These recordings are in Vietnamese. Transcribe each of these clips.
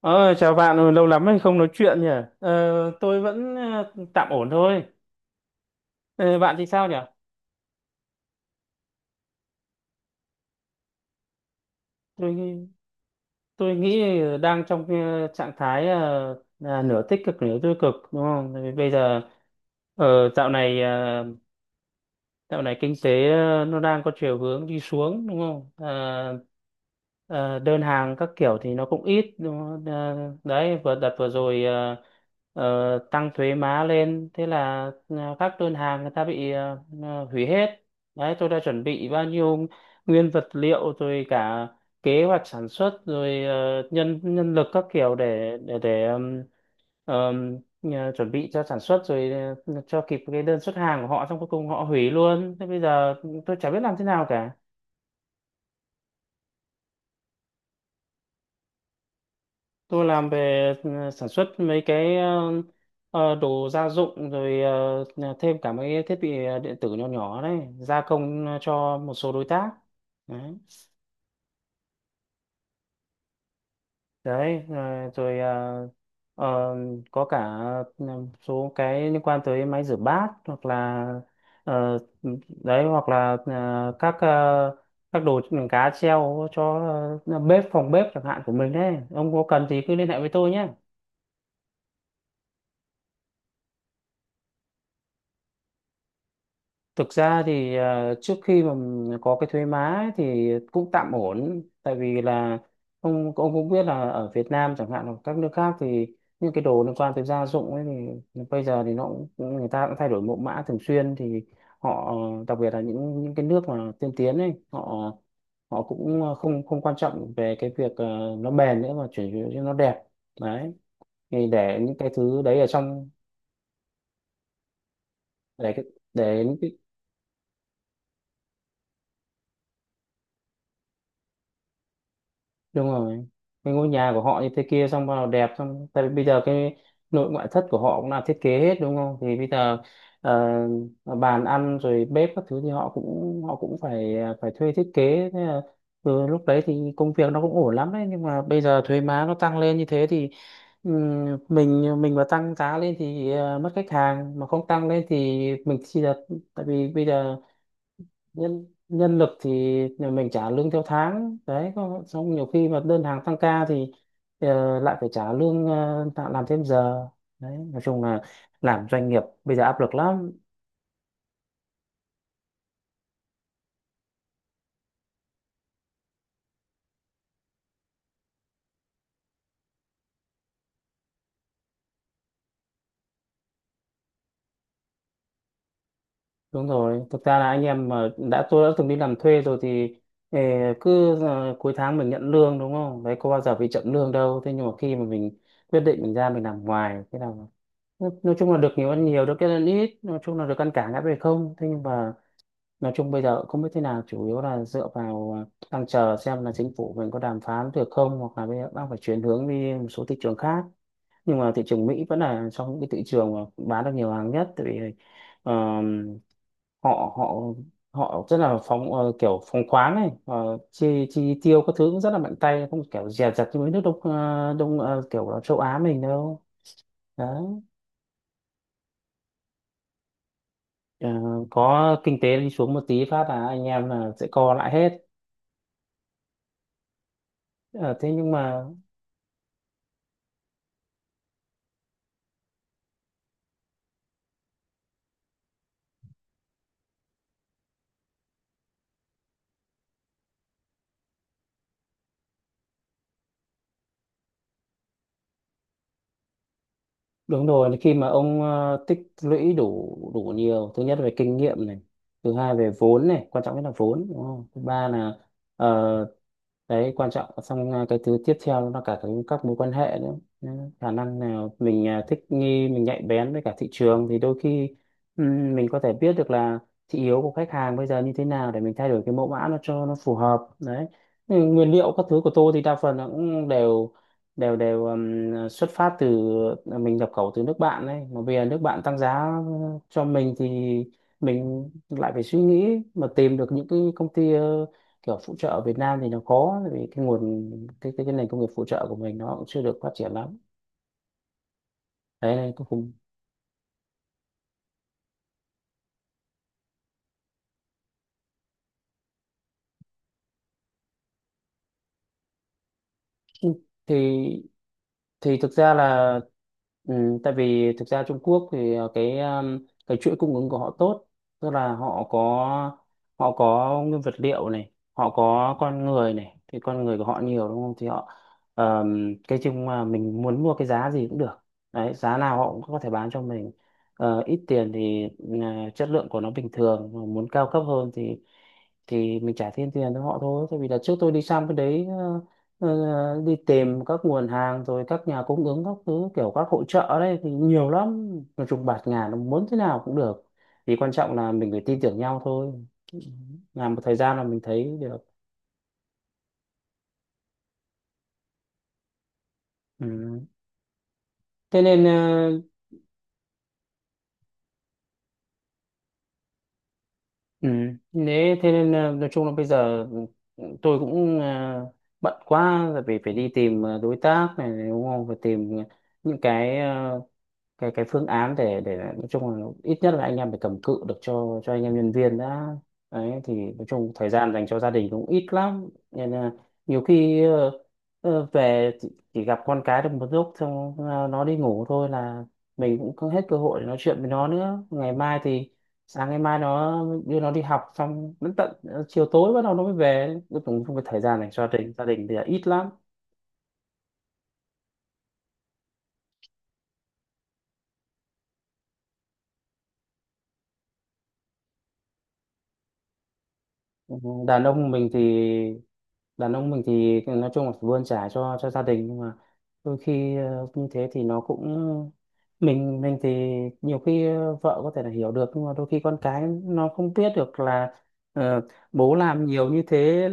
Ờ, chào bạn. Ừ, lâu lắm rồi không nói chuyện nhỉ? Tôi vẫn tạm ổn thôi. Ờ, bạn thì sao nhỉ? Tôi tôi nghĩ đang trong trạng thái, là nửa tích cực nửa tiêu cực, đúng không? Tại vì bây giờ, dạo này, dạo này kinh tế nó đang có chiều hướng đi xuống, đúng không? Ờ, ờ, đơn hàng các kiểu thì nó cũng ít, đúng không? Ờ, đấy, vừa đợt vừa rồi tăng thuế má lên, thế là các đơn hàng người ta bị hủy hết. Đấy, tôi đã chuẩn bị bao nhiêu nguyên vật liệu rồi, cả kế hoạch sản xuất rồi, nhân nhân lực các kiểu để ờm, chuẩn bị cho sản xuất rồi, cho kịp cái đơn xuất hàng của họ, xong cuối cùng họ hủy luôn. Thế bây giờ tôi chả biết làm thế nào cả. Tôi làm về sản xuất mấy cái đồ gia dụng, rồi thêm cả mấy cái thiết bị điện tử nhỏ nhỏ, đấy, gia công cho một số đối tác. Đấy đấy, rồi ờ, có cả một số cái liên quan tới máy rửa bát, hoặc là ờ, đấy, hoặc là các, các đồ cá treo cho bếp, phòng bếp chẳng hạn của mình đấy. Ông có cần thì cứ liên hệ với tôi nhé. Thực ra thì trước khi mà có cái thuế má ấy thì cũng tạm ổn, tại vì là ông cũng biết là ở Việt Nam chẳng hạn hoặc các nước khác thì những cái đồ liên quan tới gia dụng ấy thì bây giờ thì nó cũng người ta cũng thay đổi mẫu mã thường xuyên. Thì họ, đặc biệt là những cái nước mà tiên tiến ấy, họ, cũng không không quan trọng về cái việc nó bền nữa, mà chỉ cho nó đẹp. Đấy, thì để những cái thứ đấy ở trong, để cái- để những đúng rồi, cái ngôi nhà của họ như thế kia xong bắt đầu đẹp. Xong tại vì bây giờ cái nội ngoại thất của họ cũng là thiết kế hết đúng không, thì bây giờ ờ, bàn ăn rồi bếp các thứ thì họ cũng phải, phải thuê thiết kế. Thế là từ lúc đấy thì công việc nó cũng ổn lắm đấy. Nhưng mà bây giờ thuế má nó tăng lên như thế thì, mình mà tăng giá lên thì mất khách hàng, mà không tăng lên thì mình chỉ là, tại vì bây giờ nhân nhân lực thì nhà mình trả lương theo tháng đấy xong nhiều khi mà đơn hàng tăng ca thì lại phải trả lương, tạo làm thêm giờ. Đấy nói chung là làm doanh nghiệp bây giờ áp lực lắm. Đúng rồi, thực ra là anh em mà đã, tôi đã từng đi làm thuê rồi thì ờ, cứ cuối tháng mình nhận lương đúng không, đấy có bao giờ bị chậm lương đâu. Thế nhưng mà khi mà mình quyết định mình ra mình làm ngoài thế nào, nói chung là được nhiều ăn nhiều, được cái ăn ít, nói chung là được ăn cả ngã về không. Thế nhưng mà nói chung bây giờ không biết thế nào, chủ yếu là dựa vào, đang chờ xem là chính phủ mình có đàm phán được không, hoặc là bây giờ đang phải chuyển hướng đi một số thị trường khác. Nhưng mà thị trường Mỹ vẫn là trong những cái thị trường mà bán được nhiều hàng nhất, tại vì ờ, họ, họ họ rất là phóng, kiểu phóng khoáng này, chi chi tiêu các thứ cũng rất là mạnh tay, không kiểu dè dặt như mấy nước đông, kiểu là châu Á mình đâu. Đấy. Ờ, có kinh tế đi xuống một tí phát là anh em là sẽ co lại hết. Ờ, thế nhưng mà. Đúng rồi, khi mà ông tích lũy đủ, nhiều, thứ nhất là về kinh nghiệm này, thứ hai về vốn này, quan trọng nhất là vốn, đúng không? Thứ ba là ờ, đấy, quan trọng. Xong cái thứ tiếp theo nó là cả cái, các mối quan hệ nữa. Nên khả năng nào mình thích nghi, mình nhạy bén với cả thị trường thì đôi khi mình có thể biết được là thị hiếu của khách hàng bây giờ như thế nào để mình thay đổi cái mẫu mã nó cho nó phù hợp. Đấy. Ừ, nguyên liệu các thứ của tôi thì đa phần là cũng đều đều đều xuất phát từ, mình nhập khẩu từ nước bạn đấy. Mà bây giờ nước bạn tăng giá cho mình thì mình lại phải suy nghĩ mà tìm được những cái công ty kiểu phụ trợ ở Việt Nam thì nó có, tại vì cái nguồn, cái nền công nghiệp phụ trợ của mình nó cũng chưa được phát triển lắm. Đấy nên cũng không. Thì thì thực ra là, ừ, tại vì thực ra Trung Quốc thì cái chuỗi cung ứng của họ tốt. Tức là họ có, nguyên vật liệu này, họ có con người này, thì con người của họ nhiều đúng không. Thì họ cái chung mà mình muốn mua cái giá gì cũng được. Đấy, giá nào họ cũng có thể bán cho mình. Ít tiền thì chất lượng của nó bình thường, mà muốn cao cấp hơn thì mình trả thêm tiền cho họ thôi. Tại vì là trước tôi đi sang cái đấy đi tìm các nguồn hàng rồi các nhà cung ứng các thứ, kiểu các hội chợ đấy thì nhiều lắm, nói chung bạt ngàn, nó muốn thế nào cũng được. Thì quan trọng là mình phải tin tưởng nhau thôi. Ừ. Làm một thời gian là mình thấy được. Ừ. thế nên ờ, ừ. thế thế nên ờ, Nói chung là bây giờ tôi cũng bận quá, tại vì phải đi tìm đối tác này đúng không, phải tìm những cái, cái phương án để nói chung là ít nhất là anh em phải cầm cự được cho anh em nhân viên đã. Đấy thì nói chung thời gian dành cho gia đình cũng ít lắm, nên là nhiều khi về chỉ gặp con cái được một lúc, xong nó đi ngủ thôi là mình cũng không hết cơ hội để nói chuyện với nó nữa. Ngày mai thì sáng ngày mai nó, đưa nó đi học, xong đến tận chiều tối bắt đầu nó mới về. Cuối cùng không có thời gian dành cho gia đình, gia đình thì là ít lắm. đàn ông mình thì Đàn ông mình thì nói chung là phải bươn chải cho gia đình, nhưng mà đôi khi như thế thì nó cũng. Mình thì nhiều khi vợ có thể là hiểu được, nhưng mà đôi khi con cái nó không biết được là ờ, bố làm nhiều như thế.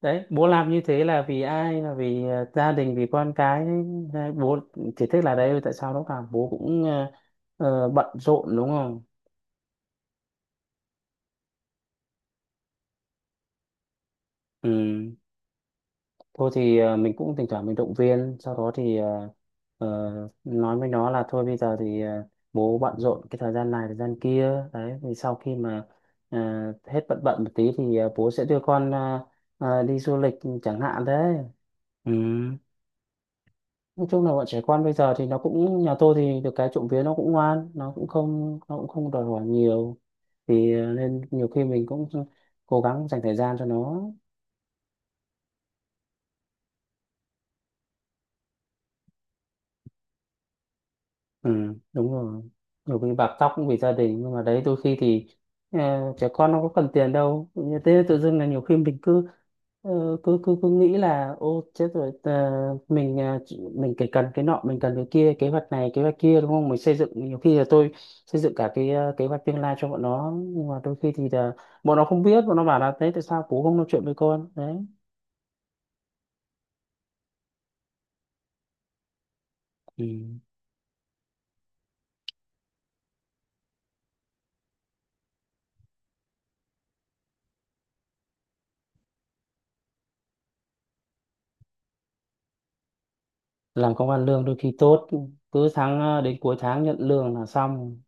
Đấy, bố làm như thế là vì ai, là vì gia đình, vì con cái. Đấy, bố chỉ thích là, đấy tại sao lúc nào bố cũng bận rộn, đúng không. Ừ, thôi thì mình cũng thỉnh thoảng mình động viên, sau đó thì ờ, nói với nó là thôi bây giờ thì bố bận rộn cái thời gian này thời gian kia. Đấy thì sau khi mà ờ, hết bận, một tí thì bố sẽ đưa con đi du lịch chẳng hạn. Đấy. Ừ. Nói chung là bọn trẻ con bây giờ thì nó cũng, nhà tôi thì được cái trộm vía nó cũng ngoan, nó cũng không, đòi hỏi nhiều. Thì nên nhiều khi mình cũng cố gắng dành thời gian cho nó. Ừ, đúng rồi. Nhiều khi bạc tóc cũng vì gia đình, nhưng mà đấy, đôi khi thì ờ, trẻ con nó có cần tiền đâu. Như thế tự dưng là nhiều khi mình cứ cứ nghĩ là ô chết rồi, mình mình cái cần cái nọ, mình cần cái kia, kế hoạch này kế hoạch kia, đúng không? Mình xây dựng, nhiều khi là tôi xây dựng cả cái kế hoạch tương lai cho bọn nó. Nhưng mà đôi khi thì là bọn nó không biết, bọn nó bảo là thế tại sao bố không nói chuyện với con. Đấy. Ừ. Làm công ăn lương đôi khi tốt, cứ tháng đến cuối tháng nhận lương là xong,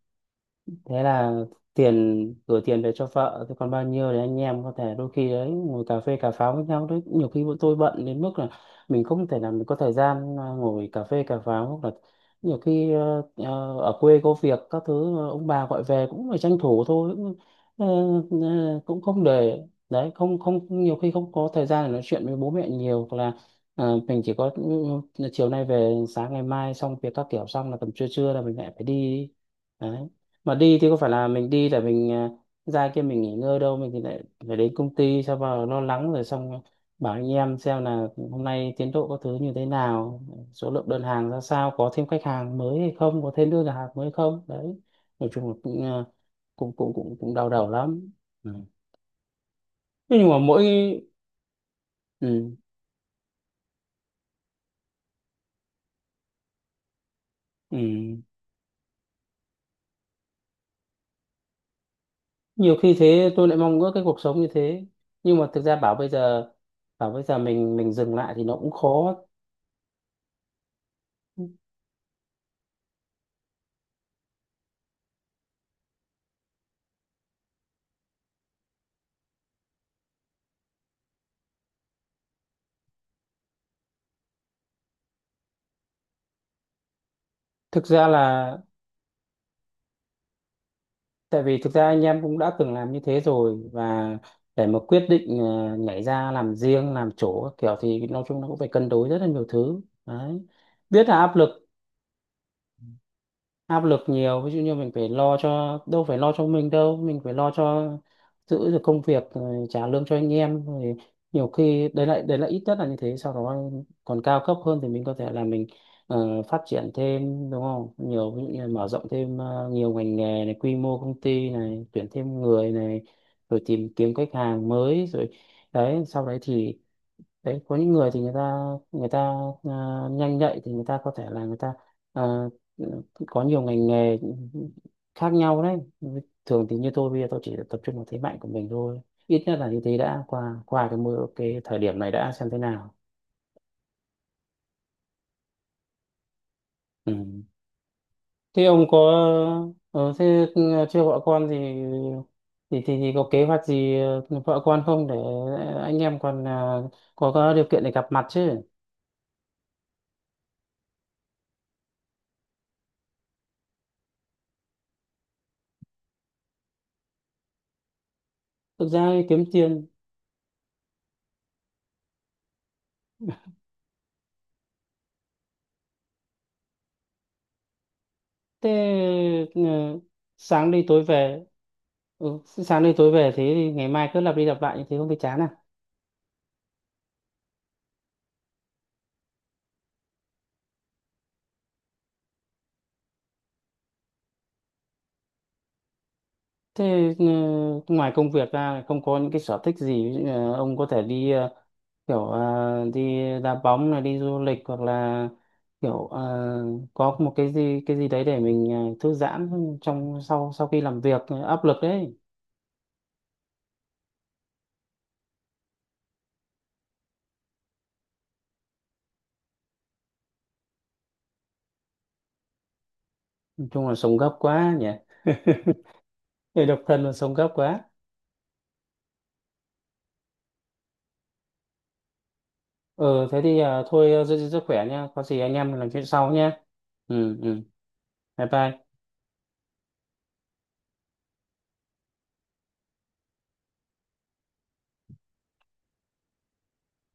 thế là tiền, gửi tiền về cho vợ, thế còn bao nhiêu thì anh em có thể đôi khi đấy ngồi cà phê cà pháo với nhau. Đấy, nhiều khi bọn tôi bận đến mức là mình không thể nào mình có thời gian ngồi cà phê cà pháo, hoặc là nhiều khi ở quê có việc các thứ, ông bà gọi về cũng phải tranh thủ thôi, cũng ờ, cũng không để đấy. Không, không, nhiều khi không có thời gian để nói chuyện với bố mẹ nhiều, hoặc là mình chỉ có, ừ, chiều nay về sáng ngày mai xong việc các kiểu, xong là tầm trưa trưa là mình lại phải đi. Đấy, mà đi thì có phải là mình đi để mình ra kia mình nghỉ ngơi đâu, mình thì lại phải đến công ty sao vào lo lắng, rồi xong bảo anh em xem là hôm nay tiến độ có thứ như thế nào, số lượng đơn hàng ra sao, có thêm khách hàng mới hay không, có thêm đơn hàng mới hay không. Đấy, nói chung là cũng cũng cũng cũng cũng đau đầu lắm. Ừ. Thế nhưng mà mỗi, ừ, ừ, nhiều khi thế tôi lại mong ước cái cuộc sống như thế, nhưng mà thực ra bảo bây giờ, bảo bây giờ mình dừng lại thì nó cũng khó. Thực ra là tại vì thực ra anh em cũng đã từng làm như thế rồi, và để mà quyết định nhảy ra làm riêng, làm chỗ các kiểu, thì nói chung nó cũng phải cân đối rất là nhiều thứ. Đấy. Biết là áp lực, áp lực nhiều, ví dụ như mình phải lo, cho đâu phải lo cho mình đâu, mình phải lo cho giữ được công việc, rồi trả lương cho anh em, rồi nhiều khi đấy lại đấy, là ít nhất là như thế. Sau đó còn cao cấp hơn thì mình có thể là mình phát triển thêm, đúng không, nhiều ví dụ như là mở rộng thêm nhiều ngành nghề này, quy mô công ty này, tuyển thêm người này, rồi tìm kiếm khách hàng mới, rồi đấy, sau đấy thì đấy có những người thì người ta à, nhanh nhạy thì người ta có thể là người ta à, có nhiều ngành nghề khác nhau. Đấy, thường thì như tôi bây giờ tôi chỉ tập trung vào thế mạnh của mình thôi, ít nhất là như thế. Đã qua qua cái mưa, cái thời điểm này đã, xem thế nào. Ừ. Thế ông có, thế ừ, chưa vợ con thì thì có kế hoạch gì vợ con không, để anh em còn có điều kiện để gặp mặt chứ. Thực ra thì kiếm tiền. Thế ừ, sáng đi tối về. Ừ, sáng đi tối về, thế thì ngày mai cứ lặp đi lặp lại như thế không thấy chán à? Thế ừ, ngoài công việc ra không có những cái sở thích gì? Ví dụ như là ông có thể đi kiểu đi đá bóng này, đi du lịch, hoặc là kiểu có một cái gì, cái gì đấy để mình thư giãn trong, sau sau khi làm việc áp lực đấy. Nói chung là sống gấp quá nhỉ. Người độc thân mà sống gấp quá. Ừ thế thì thôi, giữ gìn sức khỏe nha, có gì anh em mình làm chuyện sau nhé. Ừ, ừ, bye bye.